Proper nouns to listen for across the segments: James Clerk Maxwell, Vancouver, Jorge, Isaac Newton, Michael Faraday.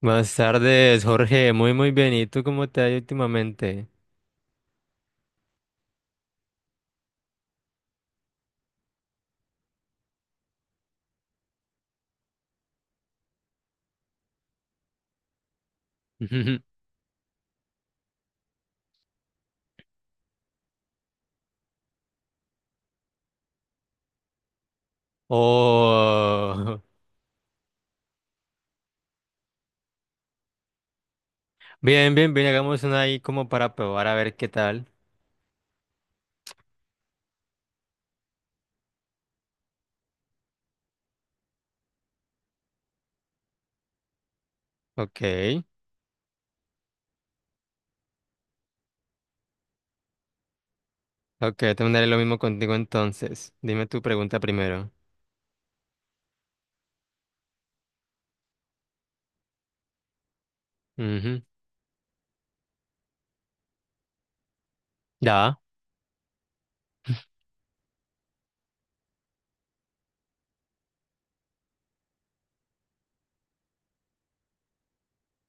Buenas tardes, Jorge. Muy bien. ¿Y tú cómo te ha ido últimamente? Oh, bien. Hagamos una ahí como para probar a ver qué tal. Ok, ok. Te mandaré lo mismo contigo entonces. Dime tu pregunta primero. Ujú. Ya.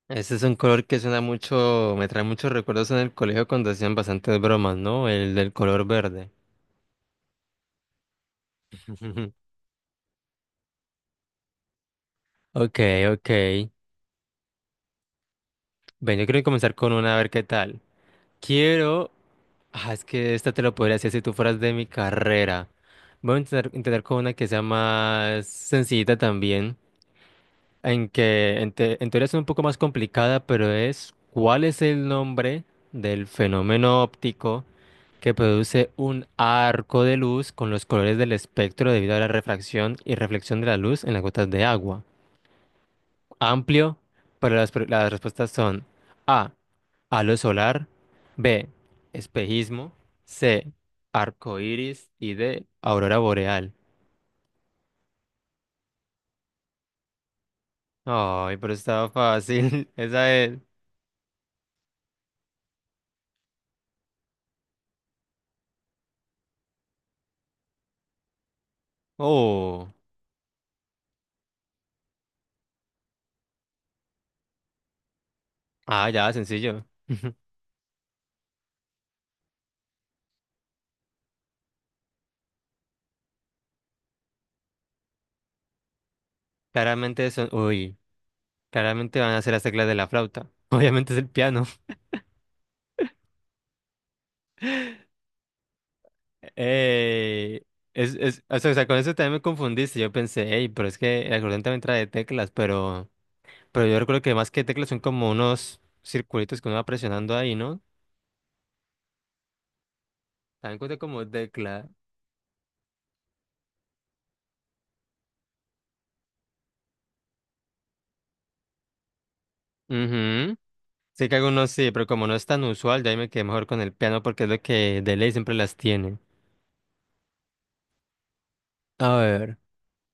Ese es un color que suena mucho, me trae muchos recuerdos en el colegio cuando hacían bastantes bromas, ¿no? El del color verde. Ok, ok. Ven, yo quiero comenzar con una a ver qué tal. Quiero... Ah, es que esta te lo podría hacer si tú fueras de mi carrera. Voy a intentar con una que sea más sencillita también, en que en, te- en teoría es un poco más complicada, pero es ¿cuál es el nombre del fenómeno óptico que produce un arco de luz con los colores del espectro debido a la refracción y reflexión de la luz en las gotas de agua? Amplio, pero las respuestas son A, halo solar, B, espejismo, C, arco iris y D, aurora boreal. Ay, pero estaba fácil. Esa es. Oh, ah, ya, sencillo. Claramente son. Uy, claramente van a ser las teclas de la flauta. Obviamente es el piano. Eh, o sea, con eso también me confundiste. Yo pensé, hey, pero es que el acordeón también trae teclas, pero. Pero yo recuerdo que más que teclas son como unos circulitos que uno va presionando ahí, ¿no? También cuenta como tecla. Ujú. Sé que algunos sí, pero como no es tan usual, ya ahí me quedé mejor con el piano porque es lo que de ley siempre las tiene. A ver.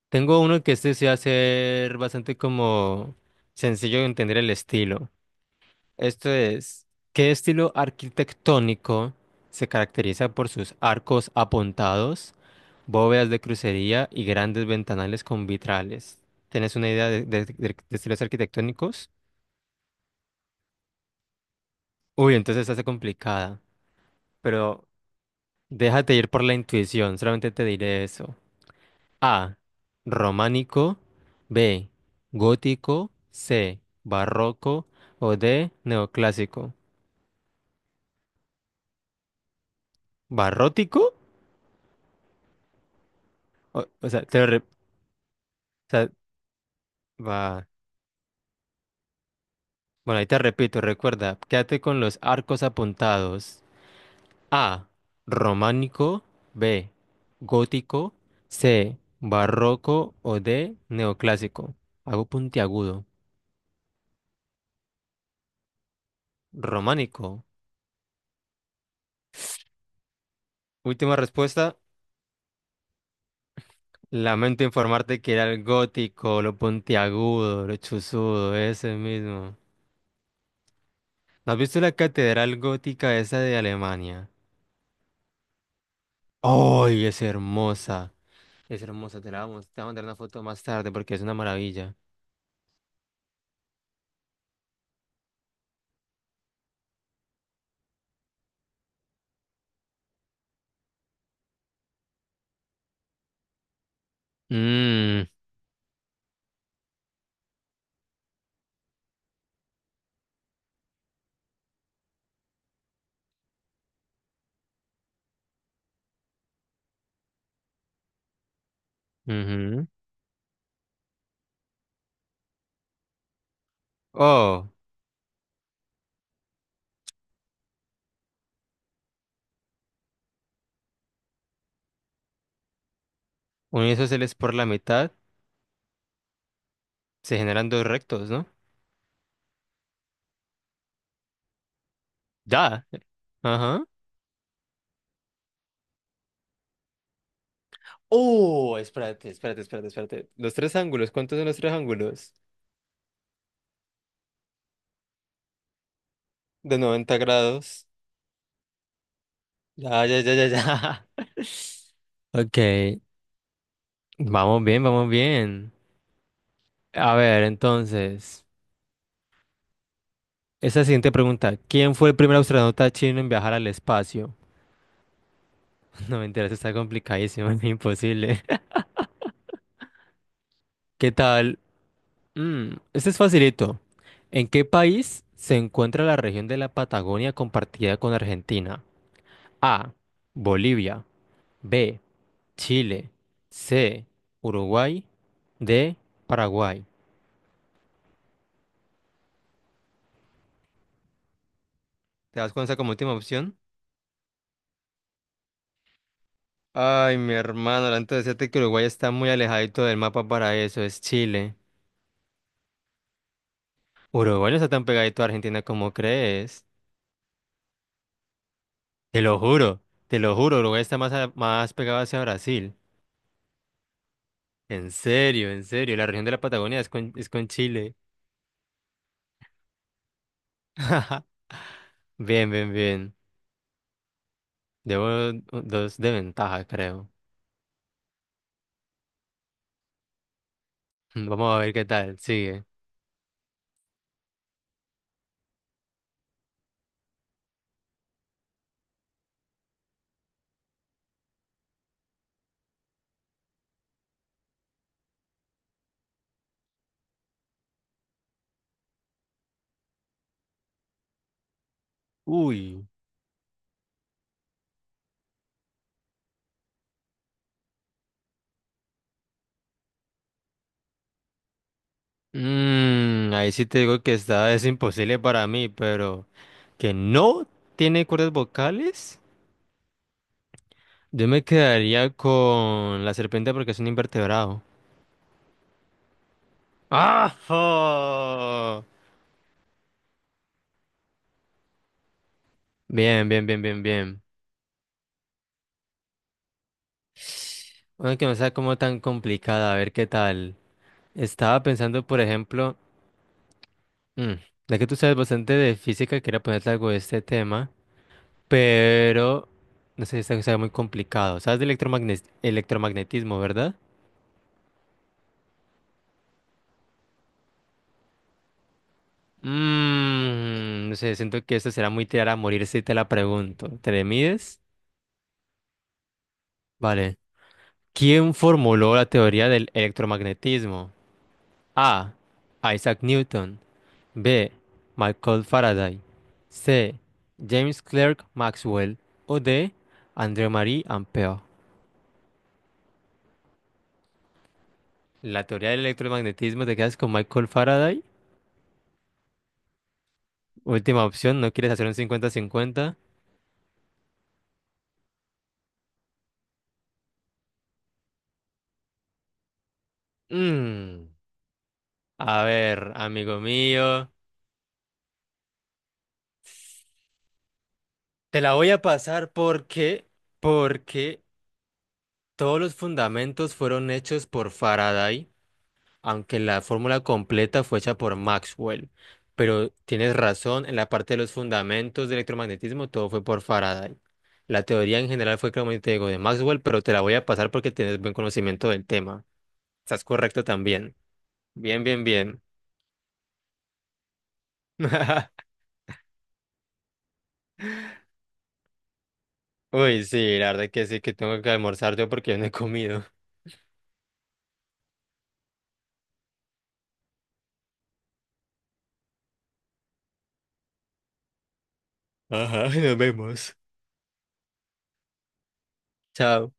Tengo uno que este sí va a ser bastante como sencillo de entender el estilo. Esto es, ¿qué estilo arquitectónico se caracteriza por sus arcos apuntados, bóvedas de crucería y grandes ventanales con vitrales? ¿Tienes una idea de estilos arquitectónicos? Uy, entonces esta está complicada, pero déjate ir por la intuición, solamente te diré eso. A, románico, B, gótico, C, barroco o D, neoclásico. ¿Barrótico? O sea, te lo, re- o sea, Va. Bueno, ahí te repito, recuerda, quédate con los arcos apuntados. A, románico, B, gótico, C, barroco o D, neoclásico. Hago puntiagudo. Románico. Última respuesta. Lamento informarte que era el gótico, lo puntiagudo, lo chuzudo, ese mismo. ¿No has visto la catedral gótica esa de Alemania? ¡Ay, es hermosa! Es hermosa, te la vamos, te voy a mandar una foto más tarde porque es una maravilla. Mmm, ujú. Oh, uno de esos por la mitad, se generan dos rectos, ¿no? Ya. Ajá. Oh, espérate. Los tres ángulos, ¿cuántos son los tres ángulos? De 90 grados. Ya. Ok, vamos bien. A ver, entonces, esa siguiente pregunta, ¿quién fue el primer astronauta chino en viajar al espacio? No, mentira, eso está complicadísimo, es imposible. ¿Qué tal? Mm, este es facilito. ¿En qué país se encuentra la región de la Patagonia compartida con Argentina? A. Bolivia. B. Chile. C. Uruguay. D. Paraguay. ¿Te das cuenta como última opción? Ay, mi hermano, antes de decirte que Uruguay está muy alejadito del mapa para eso, es Chile. Uruguay no está tan pegadito a Argentina como crees. Te lo juro, te lo juro, Uruguay está más, más pegado hacia Brasil. En serio, la región de la Patagonia es con Chile. Bien. Debo dos de ventaja, creo. Mm, vamos a ver qué tal, sigue. Uy. Mm, ahí sí te digo que está, es imposible para mí, pero que no tiene cuerdas vocales. Yo me quedaría con la serpiente porque es un invertebrado. ¡Ah! ¡Oh! Bien. Bueno, que no sea como tan complicada, a ver qué tal. Estaba pensando, por ejemplo, mm, ya que tú sabes bastante de física, quería ponerte algo de este tema, pero no sé si está muy complicado. ¿Sabes de electromagnetismo, verdad? Mm, no sé, siento que esto será muy tirar a morir si te la pregunto. ¿Te le mides? Vale. ¿Quién formuló la teoría del electromagnetismo? A. Isaac Newton. B. Michael Faraday. C. James Clerk Maxwell. O D. André-Marie Ampère. La teoría del electromagnetismo te quedas con Michael Faraday. Última opción, ¿no quieres hacer un 50-50? Mm, a ver, amigo mío. Te la voy a pasar porque todos los fundamentos fueron hechos por Faraday, aunque la fórmula completa fue hecha por Maxwell. Pero tienes razón, en la parte de los fundamentos del electromagnetismo todo fue por Faraday. La teoría en general fue, como te digo, de Maxwell, pero te la voy a pasar porque tienes buen conocimiento del tema. Estás correcto también. Bien. Uy, sí, la verdad que sí, que tengo que almorzar yo porque yo no he comido. Ajá, nos vemos. Chao.